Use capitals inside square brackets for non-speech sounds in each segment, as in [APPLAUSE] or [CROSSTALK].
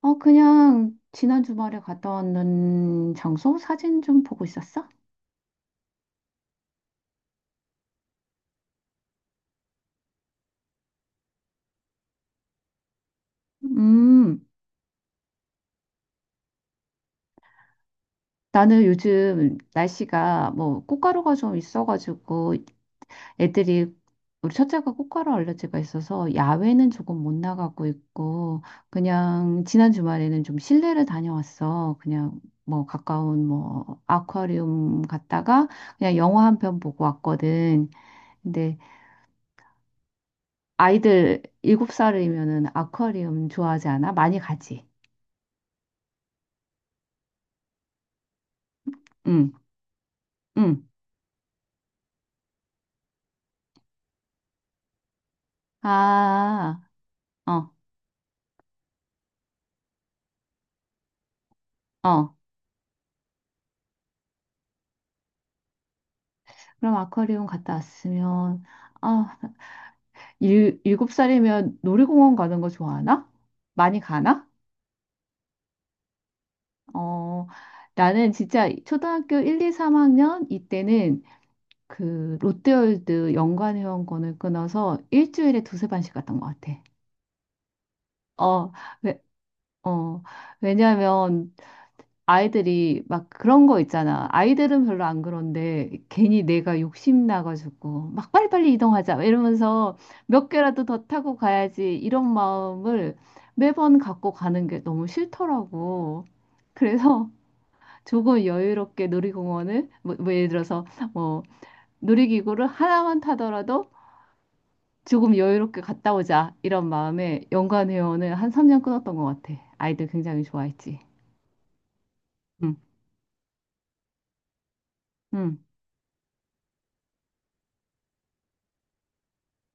어, 그냥 지난 주말에 갔다 왔는 장소 사진 좀 보고 있었어? 음, 나는 요즘 날씨가 뭐 꽃가루가 좀 있어가지고 애들이 우리 첫째가 꽃가루 알레르기가 있어서 야외는 조금 못 나가고 있고 그냥 지난 주말에는 좀 실내를 다녀왔어. 그냥 뭐 가까운 뭐 아쿠아리움 갔다가 그냥 영화 한 편 보고 왔거든. 근데 아이들 일곱 살이면은 아쿠아리움 좋아하지 않아? 많이 가지. 응, 응. 아, 어, 어. 그럼 아쿠아리움 갔다 왔으면, 아, 일곱 살이면 놀이공원 가는 거 좋아하나? 많이 가나? 어, 나는 진짜 초등학교 1, 2, 3학년 이때는 그 롯데월드 연간 회원권을 끊어서 일주일에 두세 번씩 갔던 것 같아. 어, 왜, 어, 왜냐면 아이들이 막 그런 거 있잖아. 아이들은 별로 안 그런데 괜히 내가 욕심 나가지고 막 빨리빨리 이동하자 이러면서 몇 개라도 더 타고 가야지 이런 마음을 매번 갖고 가는 게 너무 싫더라고. 그래서 [LAUGHS] 조금 여유롭게 놀이공원을 뭐 예를 들어서 뭐 놀이기구를 하나만 타더라도 조금 여유롭게 갔다 오자 이런 마음에 연간회원을 한 3년 끊었던 것 같아. 아이들 굉장히 좋아했지. 응, 응,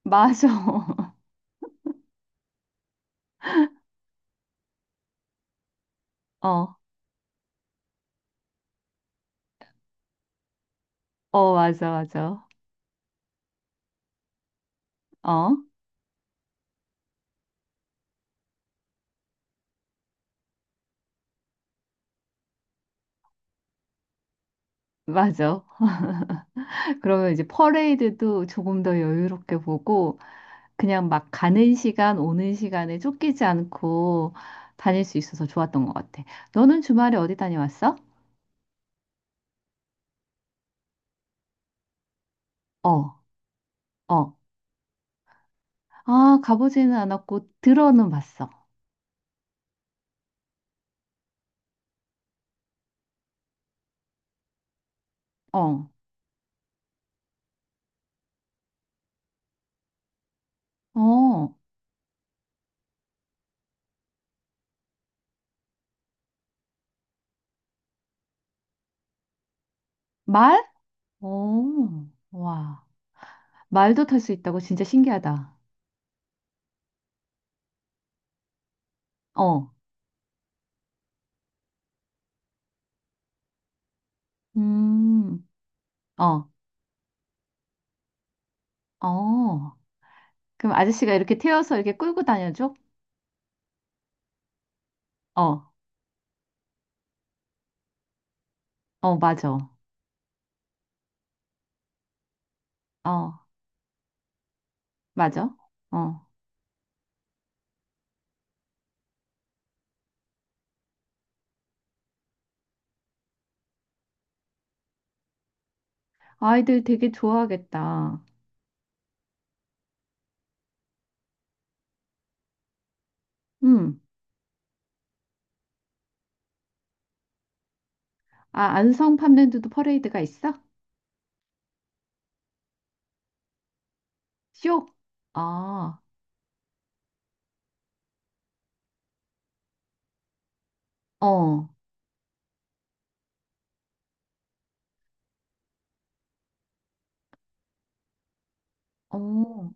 맞아. [LAUGHS] 어. 어, 맞아, 맞아. 어, 맞아. [LAUGHS] 그러면 이제 퍼레이드도 조금 더 여유롭게 보고, 그냥 막 가는 시간, 오는 시간에 쫓기지 않고 다닐 수 있어서 좋았던 것 같아. 너는 주말에 어디 다녀왔어? 어, 어. 아, 가보지는 않았고, 들어는 봤어. 어, 어. 말? 어, 와. 말도 탈 수 있다고 진짜 신기하다. 어, 음, 어, 어. 그럼 아저씨가 이렇게 태워서 이렇게 끌고 다녀줘? 어. 어, 맞아. 어, 맞아. 어. 아이들 되게 좋아하겠다. 음. 아, 안성 팜랜드도 퍼레이드가 있어? 쇼? 아, 어, 어.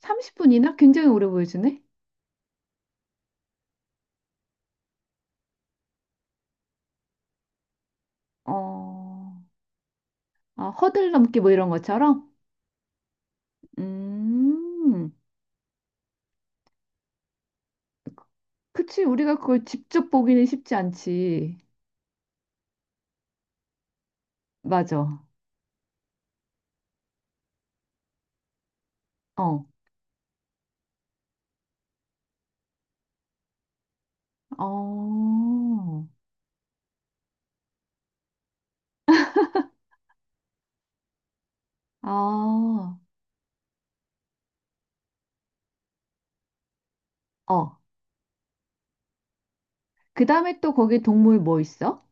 30분이나? 굉장히 오래 보여주네? 어, 아, 허들 넘기 뭐 이런 것처럼? 음. 그치, 우리가 그걸 직접 보기는 쉽지 않지. 맞아. 어, 어, 아, 어. 그 다음에 또 거기 동물 뭐 있어?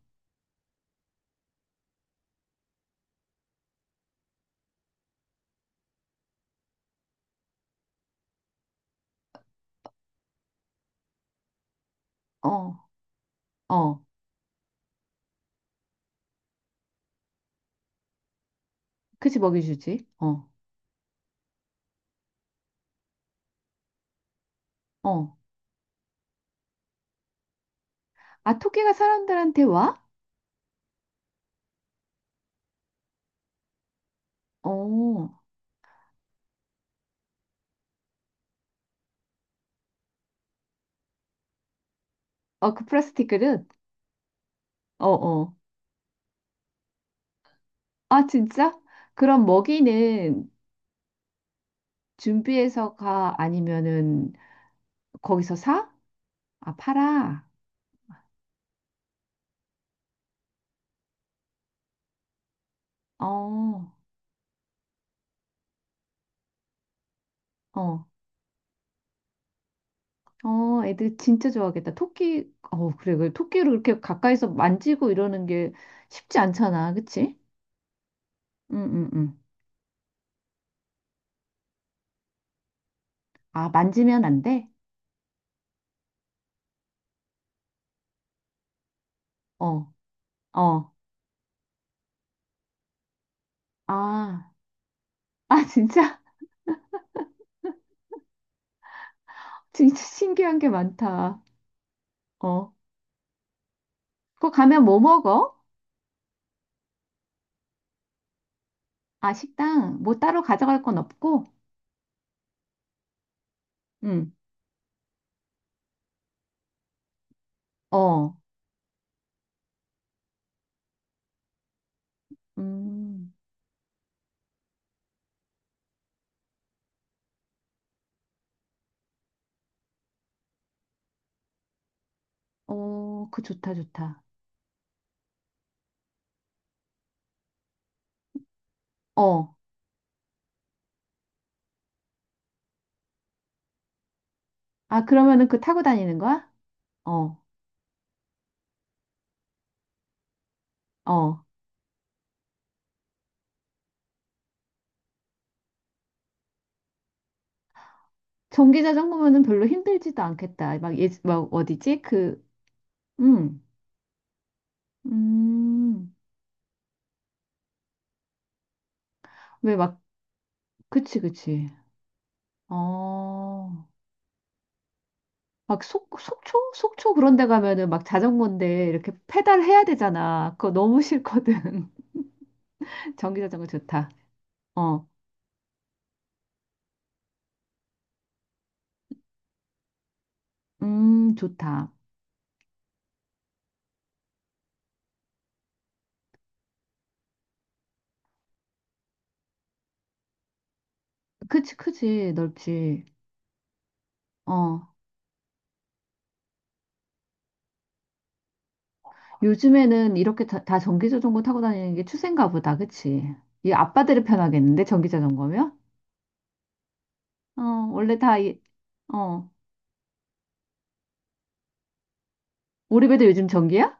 어, 어. 그치, 먹여주지. 어, 어. 아, 토끼가 사람들한테 와? 어, 어, 그 플라스틱들은 어, 어. 아, 진짜? 그럼 먹이는 준비해서 가? 아니면은 거기서 사? 아, 팔아? 어, 어, 어, 애들 진짜 좋아하겠다. 토끼, 어, 그래, 그래. 토끼를 그렇게 가까이서 만지고 이러는 게 쉽지 않잖아. 그치? 응, 응, 응. 아, 만지면 안 돼? 어, 어. 아, 아, 진짜? [LAUGHS] 진짜 신기한 게 많다. 어. 그거 가면 뭐 먹어? 아, 식당. 뭐 따로 가져갈 건 없고? 응. 어. 음. 어, 그 좋다, 좋다. 어. 아, 그러면은 그 타고 다니는 거야? 어. 어. 전기 자전거면은 별로 힘들지도 않겠다. 막, 예, 막 어디지? 그, 음. 음. 왜 막, 그치, 그치. 어. 막 속초? 속초 그런 데 가면은 막 자전거인데 이렇게 페달 해야 되잖아. 그거 너무 싫거든. [LAUGHS] 전기 자전거 좋다. 어. 좋다. 그치, 크지, 넓지. 어, 요즘에는 이렇게 다 전기 자전거 타고 다니는 게 추세인가 보다, 그치? 이 아빠들이 편하겠는데, 전기 자전거면? 어, 원래 다, 이, 어, 우리 배도 요즘 전기야?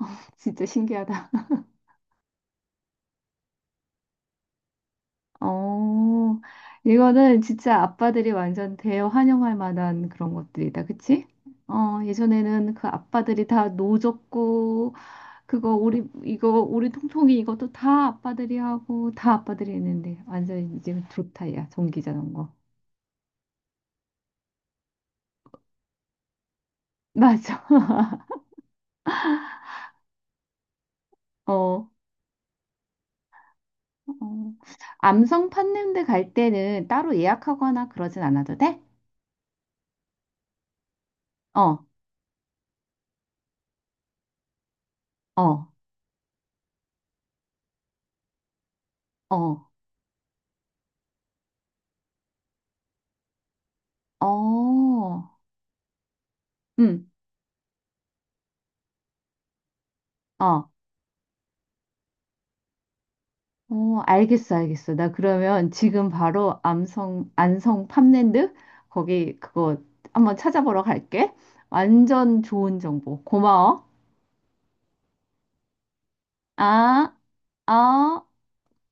[LAUGHS] 진짜 신기하다. 어, 이거는 진짜 아빠들이 완전 대환영할 만한 그런 것들이다, 그치? 어, 예전에는 그 아빠들이 다 노졌고, 그거 우리 이거 우리 통통이 이것도 다 아빠들이 하고 다 아빠들이 했는데 완전 이제 좋다 야 전기 자전거 맞아 [LAUGHS] 어, 어. 암성 팥냄새 갈 때는 따로 예약하거나 그러진 않아도 돼? 어 어 어 어 음 어 어 알겠어 알겠어 나 그러면 지금 바로 암성 안성 팜랜드 거기 그거 한번 찾아보러 갈게. 완전 좋은 정보 고마워. 아 어.